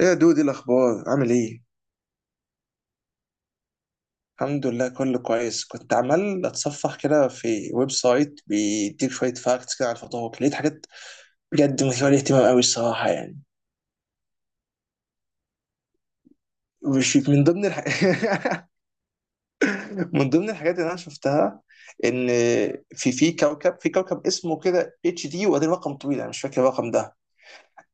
ايه يا دودي، الاخبار؟ عامل ايه؟ الحمد لله كله كويس. كنت عمال اتصفح كده في ويب سايت بيديك شويه فاكتس كده عن التطوق، لقيت حاجات بجد مثيره للاهتمام قوي الصراحه يعني. مش من ضمن الح... من ضمن الحاجات اللي انا شفتها ان في كوكب اسمه كده اتش دي وبعدين رقم طويل، انا مش فاكر الرقم ده.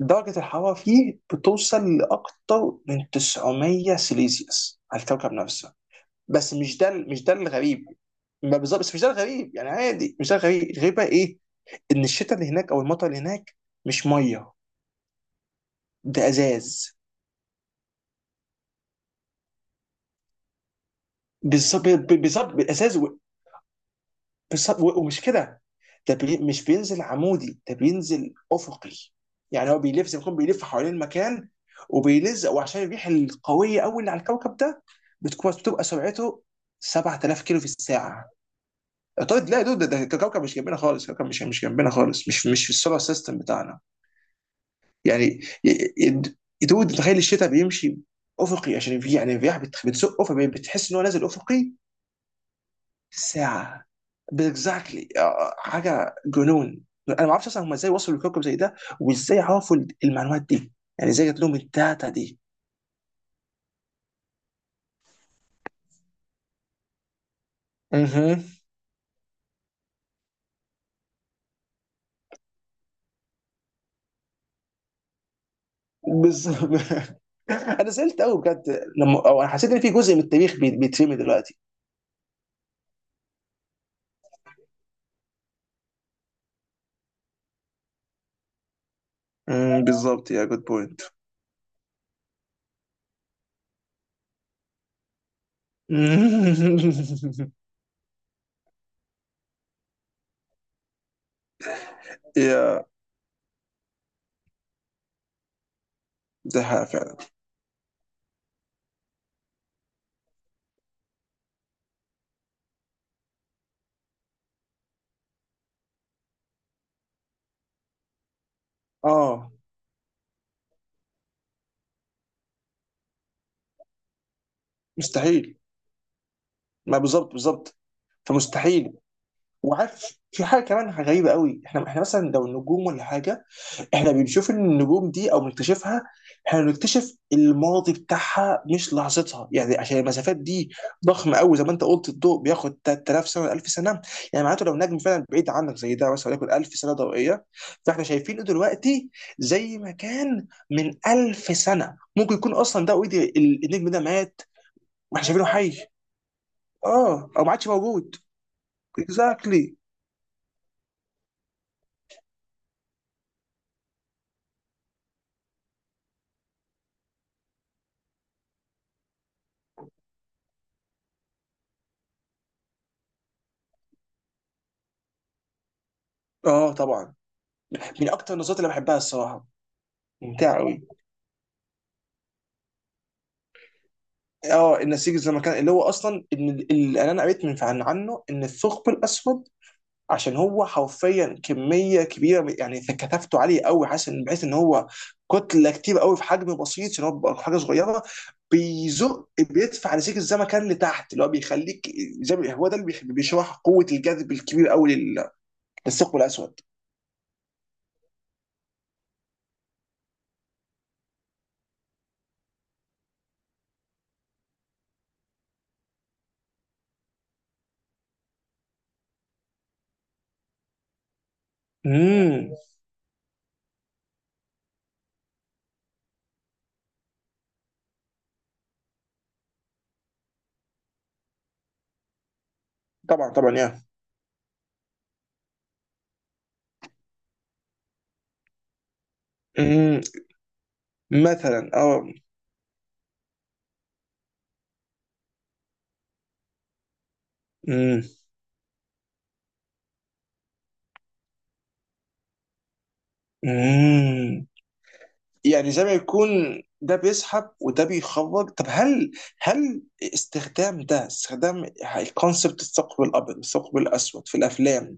درجه الحراره فيه بتوصل لاكتر من 900 سيليزيوس على الكوكب نفسه. بس مش ده الغريب. ما بالظبط، بس مش ده الغريب يعني، عادي. مش ده الغريب، الغريب بقى ايه؟ ان الشتاء اللي هناك او المطر اللي هناك مش ميه، ده ازاز. بالظبط بالظبط، ازاز بالظبط ومش كده. ده مش بينزل عمودي، ده بينزل افقي. يعني هو بيلف زي ما يكون بيلف حوالين المكان وبيلزق. وعشان الريح القويه قوي اللي على الكوكب ده بتبقى سرعته 7000 كيلو في الساعه. طيب لا يا دود، ده كوكب مش جنبنا خالص، كوكب مش جنبنا خالص، مش في السولار سيستم بتاعنا. يعني ي- ي- دود تخيل الشتاء بيمشي افقي عشان في يعني الرياح بتزقه، فبتحس ان هو نازل افقي. ساعه، بالظبط. حاجه جنون. انا ما اعرفش اصلا هم ازاي وصلوا لكوكب زي ده وازاي عرفوا المعلومات دي، يعني ازاي جات لهم الداتا دي. اها، بالظبط. انا زعلت قوي بجد لما انا حسيت ان في جزء من التاريخ بيترمي دلوقتي. بالظبط، يا جود بوينت. يا، ده حقيقة فعلا. اه، مستحيل. ما بالظبط بالظبط، فمستحيل. وعارف، في حاجه كمان غريبه قوي. احنا مثلا لو النجوم ولا حاجه، احنا بنشوف ان النجوم دي او بنكتشفها، احنا بنكتشف الماضي بتاعها مش لحظتها، يعني عشان المسافات دي ضخمه قوي زي ما انت قلت. الضوء بياخد 3000 سنه، 1000 سنه، يعني معناته لو نجم فعلا بعيد عنك زي ده مثلا وليكن 1000 سنه ضوئيه، فاحنا شايفينه دلوقتي زي ما كان من 1000 سنه. ممكن يكون اصلا ده اوريدي، النجم ده مات واحنا شايفينه حي. اه، او ما عادش موجود. اكزاكتلي. اه طبعا، من اكتر النظريات اللي بحبها الصراحه، ممتع قوي. اه النسيج زي ما كان، اللي هو اصلا ان انا قريت عن عنه ان الثقب الاسود عشان هو حرفيا كميه كبيره يعني كثافته عاليه قوي، حاسس ان بحيث ان هو كتله كتير قوي في حجم بسيط، عشان هو بيبقى حاجه صغيره. بيزق، بيدفع نسيج الزمن كان لتحت، اللي هو بيخليك زي هو ده اللي بيشرح قوه الجذب الكبير قوي للثقب الاسود. امم، طبعا طبعا. يا مثلا، اه امم امم. يعني زي ما يكون ده بيسحب وده بيخرج. طب هل، هل استخدام ده استخدام الكونسبت الثقب الابيض والثقب الاسود في الافلام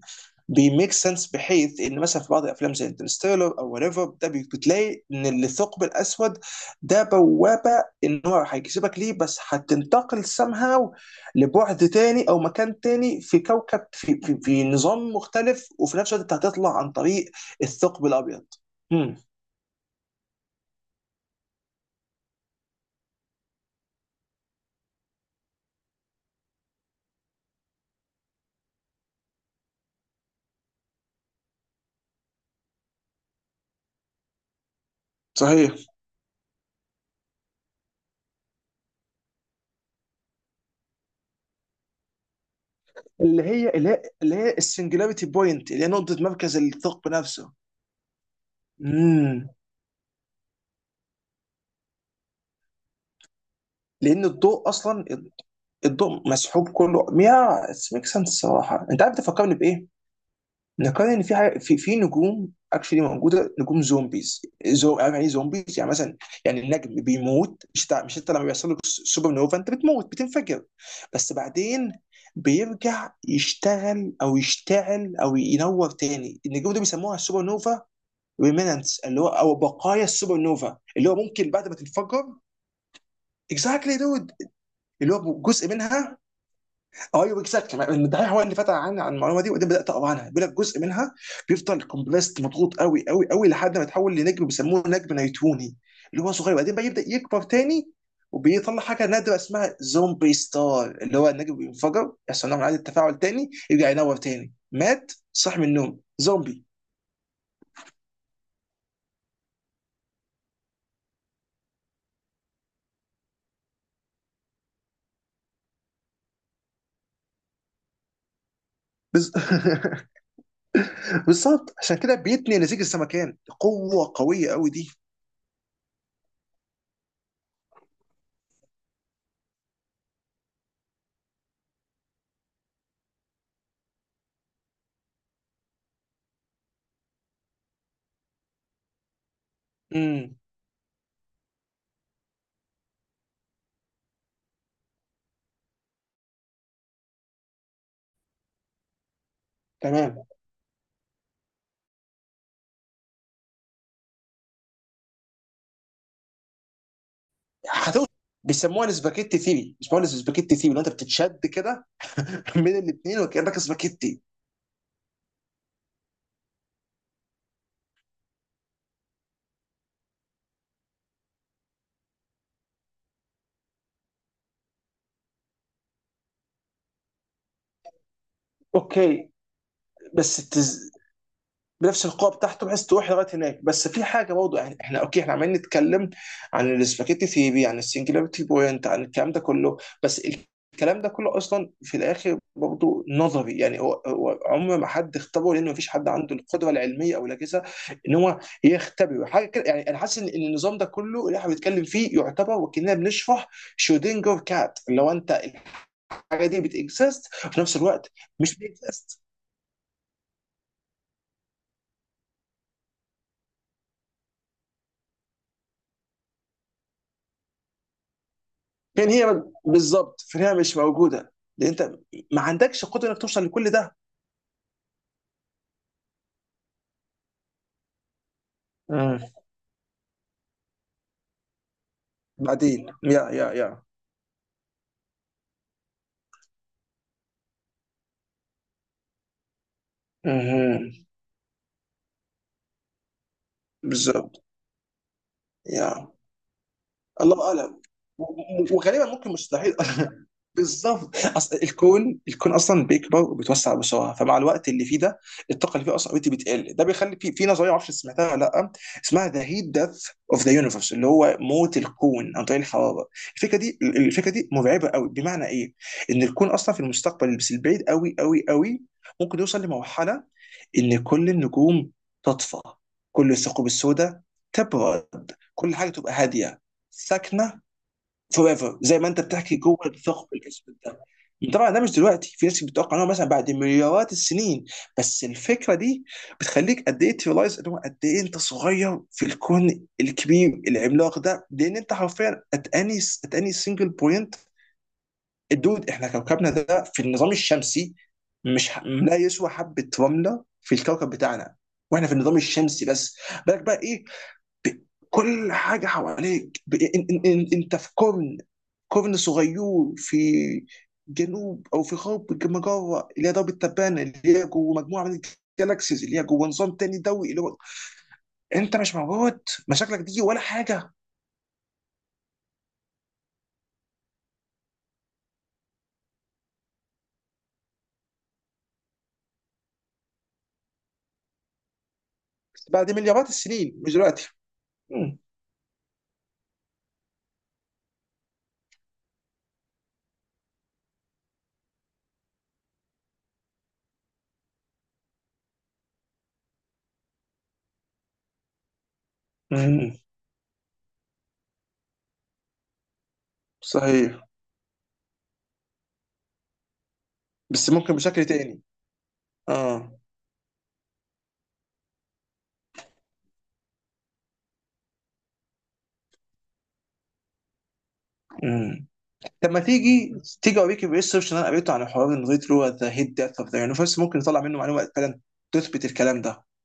بيميك سنس، بحيث ان مثلا في بعض الافلام زي انترستيلر او وريفر بتلاقي ان الثقب الاسود ده بوابه، ان هو هيجذبك ليه، بس هتنتقل somehow لبعد تاني او مكان تاني في كوكب في نظام مختلف، وفي نفس الوقت انت هتطلع عن طريق الثقب الابيض. امم، صحيح. اللي هي السنجلاريتي بوينت، اللي هي نقطة مركز الثقب نفسه. امم. لأن الضوء أصلا، الضوء مسحوب كله. يا اتس ميك سنس الصراحة. أنت عارف تفكرني بإيه؟ نقارن إن في حاجة، في نجوم اكشلي موجودة، نجوم زومبيز. زو عارف يعني إيه زومبيز؟ يعني مثلا، يعني النجم بيموت. مش، انت لما بيحصل لك سوبر نوفا انت بتموت بتنفجر، بس بعدين بيرجع يشتغل او يشتعل او ينور تاني. النجوم دي بيسموها السوبر نوفا ريمينانتس، اللي هو او بقايا السوبر نوفا، اللي هو ممكن بعد ما تنفجر. اكزاكتلي دود، اللي هو جزء منها. ايوه اكزاكتلي، الدحيح هو اللي فتح عن المعلومه دي وبعدين بدات اقرا عنها. بيقول لك جزء منها بيفضل كومبلست مضغوط قوي قوي قوي لحد ما يتحول لنجم بيسموه نجم نيتوني، اللي هو صغير، وبعدين بقى يبدا يكبر تاني، وبيطلع حاجه نادره اسمها زومبي ستار، اللي هو النجم بينفجر، يحصل نوع من انواع التفاعل تاني، يرجع ينور تاني. مات صح من النوم، زومبي. بز... بالظبط، عشان كده بيتني نسيج السمكان قوه قويه قوي دي. امم، تمام. هتوصل، بيسموها السباكيتي ثيري. بيسموها السباكيتي ثيري لو انت بتتشد كده من الاثنين وكانك سباكيتي. اوكي، بس التز... بنفس القوه بتاعته، بحيث تروح لغايه هناك. بس في حاجه برضه، يعني احنا اوكي، احنا عمالين نتكلم عن السباكيتي ثيري، عن السنجلاريتي بوينت، عن الكلام ده كله. بس الكلام ده كله اصلا في الاخر برضه نظري، يعني هو عمر ما حد اختبره، لان مفيش حد عنده القدره العلميه او الاجهزه ان هو يختبره حاجه كده. يعني انا حاسس ان النظام ده كله اللي احنا بنتكلم فيه يعتبر وكاننا بنشرح شودنجر كات، اللي هو انت الحاجه دي بتكزيست وفي نفس الوقت مش بتكزيست. فين هي بالظبط؟ فين هي؟ مش موجوده، لان انت ما عندكش قدره انك توصل لكل ده. مم. بعدين يا مهم، بالظبط يا. الله اعلم. وغالبا ممكن مستحيل بالظبط، اصل الكون اصلا بيكبر وبيتوسع بسرعه، فمع الوقت اللي فيه ده الطاقه اللي فيه اصلا اوريدي بتقل، ده بيخلي في نظريه، ما اعرفش سمعتها ولا لا، اسمها ذا هيت ديث اوف ذا يونيفرس، اللي هو موت الكون عن طريق الحراره. الفكره دي، مرعبه قوي، بمعنى ايه؟ ان الكون اصلا في المستقبل بس البعيد قوي قوي قوي ممكن يوصل لمرحله ان كل النجوم تطفى، كل الثقوب السوداء تبرد، كل حاجه تبقى هاديه ساكنه فور ايفر، زي ما انت بتحكي جوه الثقب الاسود ده. طبعا ده مش دلوقتي، في ناس بتتوقع ان هو مثلا بعد مليارات السنين. بس الفكره دي بتخليك قد ايه تريلايز ان هو قد ايه انت صغير في الكون الكبير العملاق ده، لان انت حرفيا ات اني سنجل بوينت. الدود، احنا كوكبنا ده في النظام الشمسي مش ح... لا يسوى حبه رمله في الكوكب بتاعنا، واحنا في النظام الشمسي بس. بالك بقى ايه، ب- كل حاجه حواليك، انت في قرن، قرن صغير في جنوب او في غرب مجره اللي هي درب التبانه، اللي هي جوه مجموعه من الجالاكسيز، اللي هي جوه نظام تاني ضوئي، اللي هو انت مش موجود، مشاكلك دي ولا حاجه. بعد مليارات السنين مش دلوقتي. مم، مم، صحيح. بس ممكن بشكل تاني. اه. مم. طب ما تيجي، اوريك الريسيرش اللي انا قريته عن حوار الريترو ذا هيد ديث اوف ذا يونيفرس، ممكن نطلع منه معلومه فعلا تثبت الكلام ده.